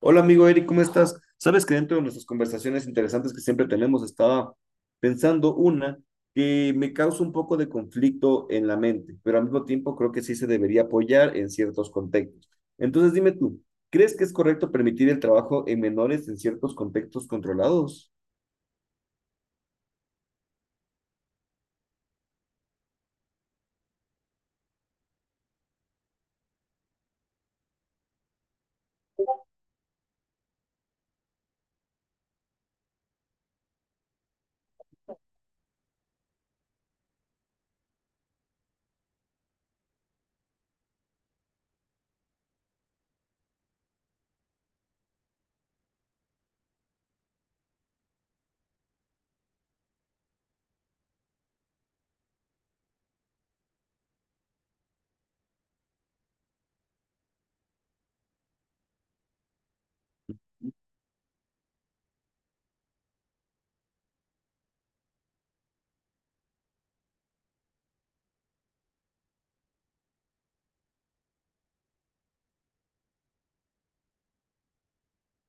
Hola amigo Eric, ¿cómo estás? Sabes que dentro de nuestras conversaciones interesantes que siempre tenemos, estaba pensando una que me causa un poco de conflicto en la mente, pero al mismo tiempo creo que sí se debería apoyar en ciertos contextos. Entonces dime tú, ¿crees que es correcto permitir el trabajo en menores en ciertos contextos controlados?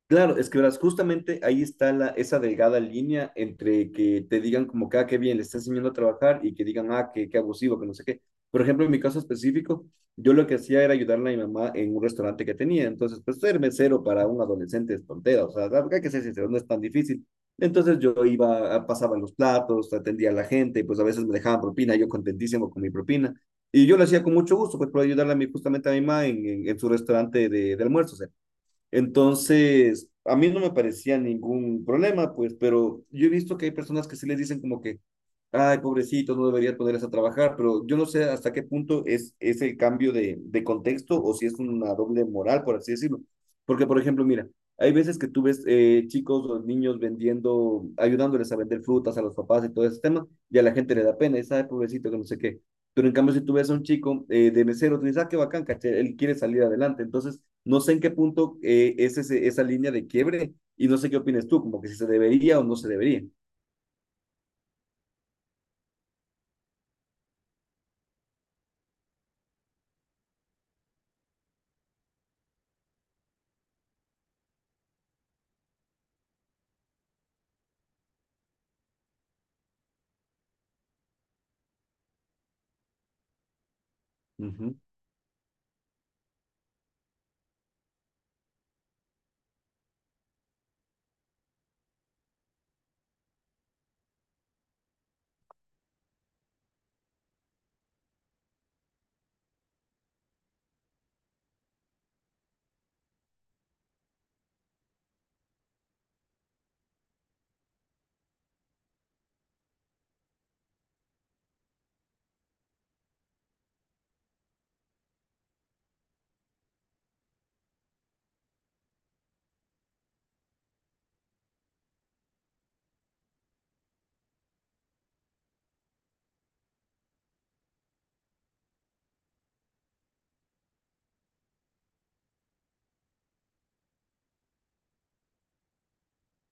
Claro, es que verás, justamente ahí está esa delgada línea entre que te digan como que, ah, qué bien, le estás enseñando a trabajar y que digan, ah, qué abusivo, que no sé qué. Por ejemplo, en mi caso específico, yo lo que hacía era ayudarle a mi mamá en un restaurante que tenía. Entonces, pues ser mesero para un adolescente es tontera, o sea, hay que ser sincero, no es tan difícil. Entonces yo iba, pasaba los platos, atendía a la gente, y pues a veces me dejaban propina, yo contentísimo con mi propina. Y yo lo hacía con mucho gusto, pues por ayudarle justamente a mi mamá en su restaurante de almuerzos. Entonces, a mí no me parecía ningún problema, pues, pero yo he visto que hay personas que sí les dicen como que, ay, pobrecito, no deberías ponerse a trabajar, pero yo no sé hasta qué punto es el cambio de contexto o si es una doble moral, por así decirlo. Porque, por ejemplo, mira, hay veces que tú ves chicos o niños vendiendo, ayudándoles a vender frutas a los papás y todo ese tema, y a la gente le da pena, es, ay, pobrecito, que no sé qué. Pero en cambio, si tú ves a un chico de mesero, tú dices, ah, qué bacán, caché, él quiere salir adelante. Entonces, no sé en qué punto es esa línea de quiebre y no sé qué opinas tú, como que si se debería o no se debería. Ujú.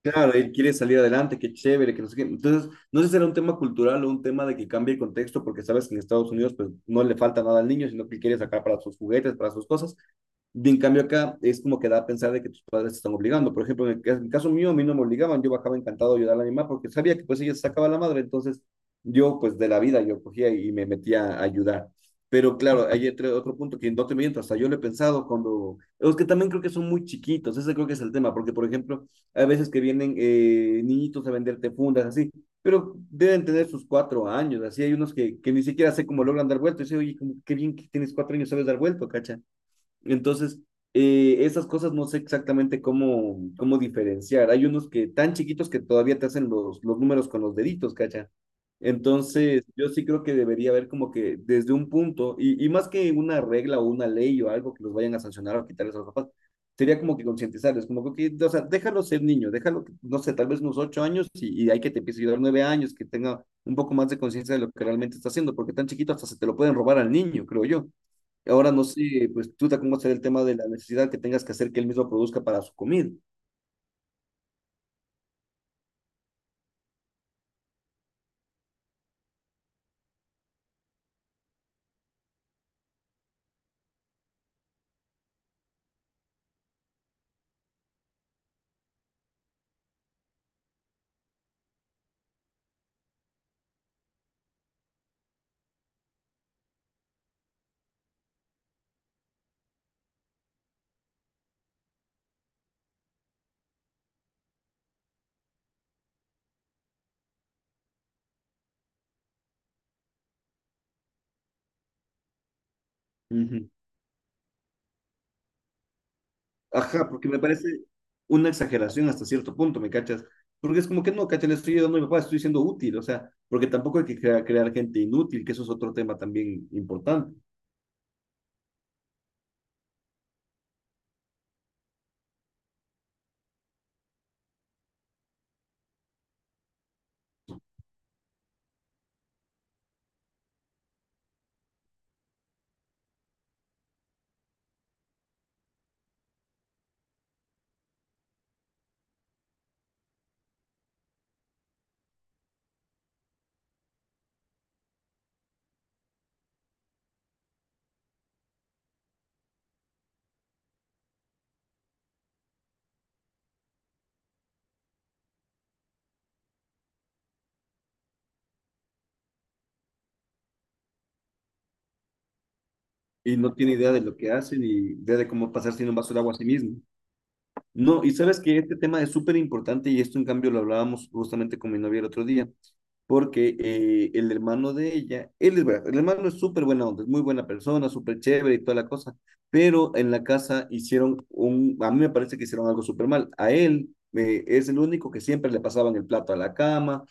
Claro, él quiere salir adelante, qué chévere, que no sé qué. Entonces, no sé si será un tema cultural o un tema de que cambie el contexto, porque sabes que en Estados Unidos pues no le falta nada al niño, sino que quiere sacar para sus juguetes, para sus cosas, bien, en cambio acá es como que da a pensar de que tus padres te están obligando. Por ejemplo, en el caso mío, a mí no me obligaban, yo bajaba encantado a ayudar a mi mamá porque sabía que pues ella se sacaba la madre, entonces yo pues de la vida yo cogía y me metía a ayudar. Pero claro, hay otro punto que no te miento, hasta yo lo he pensado cuando. Es que también creo que son muy chiquitos, ese creo que es el tema, porque por ejemplo, hay veces que vienen niñitos a venderte fundas, así, pero deben tener sus 4 años, así hay unos que ni siquiera sé cómo logran dar vuelto, y dice, oye, como, qué bien que tienes 4 años, sabes dar vuelto, cacha entonces, esas cosas no sé exactamente cómo diferenciar. Hay unos que tan chiquitos que todavía te hacen los números con los deditos, ¿cacha? Entonces, yo sí creo que debería haber como que desde un punto, y más que una regla o una ley o algo que los vayan a sancionar o quitarles a los papás, sería como que concientizarles, como que, ok, o sea, déjalo ser niño, déjalo, que, no sé, tal vez unos 8 años y hay que te empiece a ayudar 9 años, que tenga un poco más de conciencia de lo que realmente está haciendo, porque tan chiquito hasta se te lo pueden robar al niño, creo yo. Ahora no sé, pues tú te cómo será el tema de la necesidad que tengas que hacer que él mismo produzca para su comida. Ujú. Ajá, porque me parece una exageración hasta cierto punto, ¿me cachas? Porque es como que no, cacha, le estoy ayudando a mi papá, estoy siendo útil, o sea, porque tampoco hay que crear gente inútil, que eso es otro tema también importante. Y no tiene idea de lo que hace ni idea de cómo pasar sin un vaso de agua a sí mismo. No, y sabes que este tema es súper importante y esto en cambio lo hablábamos justamente con mi novia el otro día. Porque el hermano de ella, él es verdad, el hermano es súper buena onda, es muy buena persona, súper chévere y toda la cosa, pero en la casa a mí me parece que hicieron algo súper mal. A él es el único que siempre le pasaban el plato a la cama,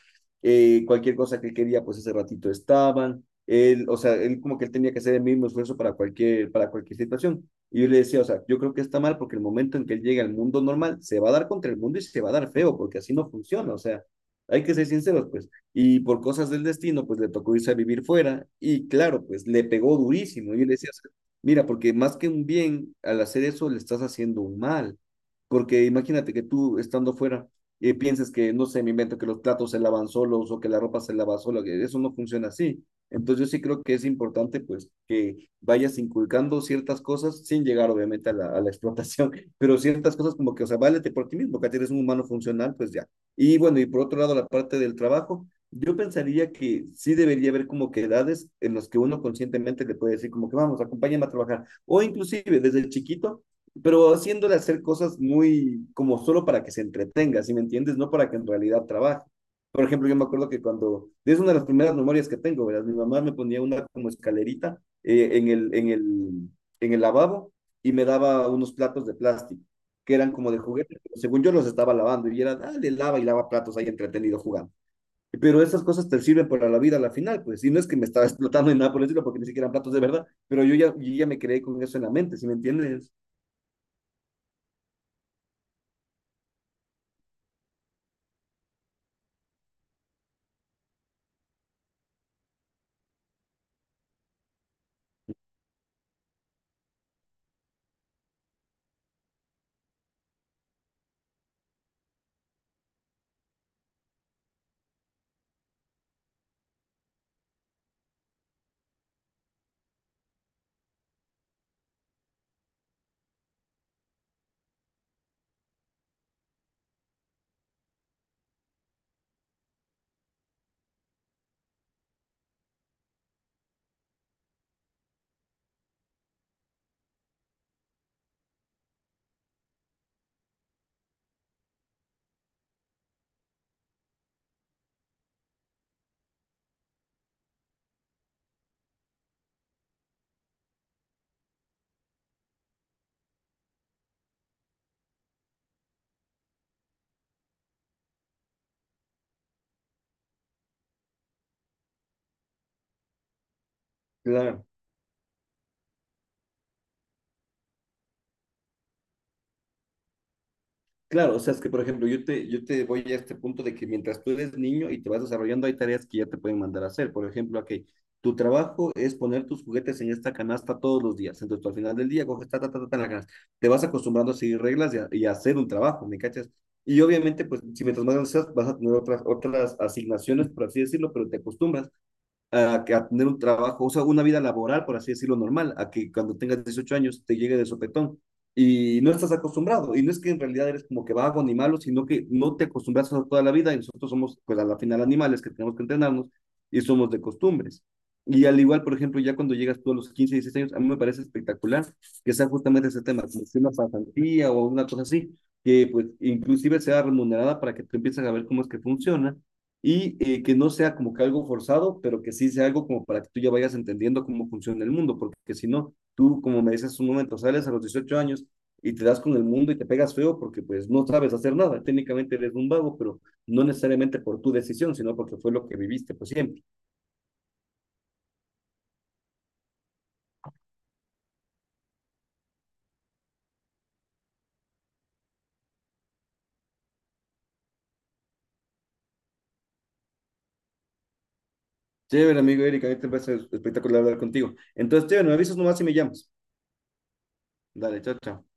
cualquier cosa que quería, pues ese ratito estaban. Él, o sea, él como que él tenía que hacer el mismo esfuerzo para cualquier situación. Y yo le decía, o sea, yo creo que está mal porque el momento en que él llegue al mundo normal, se va a dar contra el mundo y se va a dar feo, porque así no funciona. O sea, hay que ser sinceros, pues. Y por cosas del destino, pues le tocó irse a vivir fuera y claro, pues le pegó durísimo. Yo le decía, mira, porque más que un bien, al hacer eso le estás haciendo un mal, porque imagínate que tú estando fuera pienses que, no sé, me invento que los platos se lavan solos o que la ropa se lava sola, que eso no funciona así. Entonces yo sí creo que es importante pues que vayas inculcando ciertas cosas sin llegar obviamente a la explotación, pero ciertas cosas como que, o sea, válete por ti mismo, que eres un humano funcional, pues ya. Y bueno, y por otro lado la parte del trabajo yo pensaría que sí debería haber como que edades en las que uno conscientemente le puede decir como que vamos, acompáñame a trabajar. O inclusive desde chiquito, pero haciéndole hacer cosas muy como solo para que se entretenga, ¿sí me entiendes? No para que en realidad trabaje. Por ejemplo, yo me acuerdo que cuando, es una de las primeras memorias que tengo, ¿verdad? Mi mamá me ponía una como escalerita en el lavabo y me daba unos platos de plástico que eran como de juguete, pero según yo los estaba lavando y era, dale, lava y lava platos ahí entretenido jugando. Pero esas cosas te sirven para la vida a la final, pues. Y no es que me estaba explotando en nada por el estilo, porque ni siquiera eran platos de verdad, pero yo ya me creé con eso en la mente, ¿sí me entiendes? Claro, claro. O sea, es que, por ejemplo, yo te voy a este punto de que mientras tú eres niño y te vas desarrollando, hay tareas que ya te pueden mandar a hacer. Por ejemplo, aquí, tu trabajo es poner tus juguetes en esta canasta todos los días. Entonces, tú al final del día coges ta, ta, ta, ta, ta en la canasta. Te vas acostumbrando a seguir reglas y a hacer un trabajo, ¿me cachas? Y obviamente, pues, si mientras más grande vas a tener otras asignaciones, por así decirlo, pero te acostumbras que a tener un trabajo, o sea, una vida laboral, por así decirlo, normal, a que cuando tengas 18 años te llegue de sopetón y no estás acostumbrado. Y no es que en realidad eres como que vago ni malo, sino que no te acostumbras a toda la vida y nosotros somos, pues a la final, animales que tenemos que entrenarnos y somos de costumbres. Y al igual, por ejemplo, ya cuando llegas tú a los 15 16 años, a mí me parece espectacular que sea justamente ese tema, como si una pasantía o una cosa así, que pues inclusive sea remunerada para que tú empieces a ver cómo es que funciona y que no sea como que algo forzado, pero que sí sea algo como para que tú ya vayas entendiendo cómo funciona el mundo, porque si no, tú, como me dices un momento, sales a los 18 años y te das con el mundo y te pegas feo porque pues no sabes hacer nada, técnicamente eres un vago, pero no necesariamente por tu decisión, sino porque fue lo que viviste pues siempre. Chévere, amigo Erika, a mí te parece espectacular hablar contigo. Entonces, chévere, me avisas nomás si me llamas. Dale, chao, chao.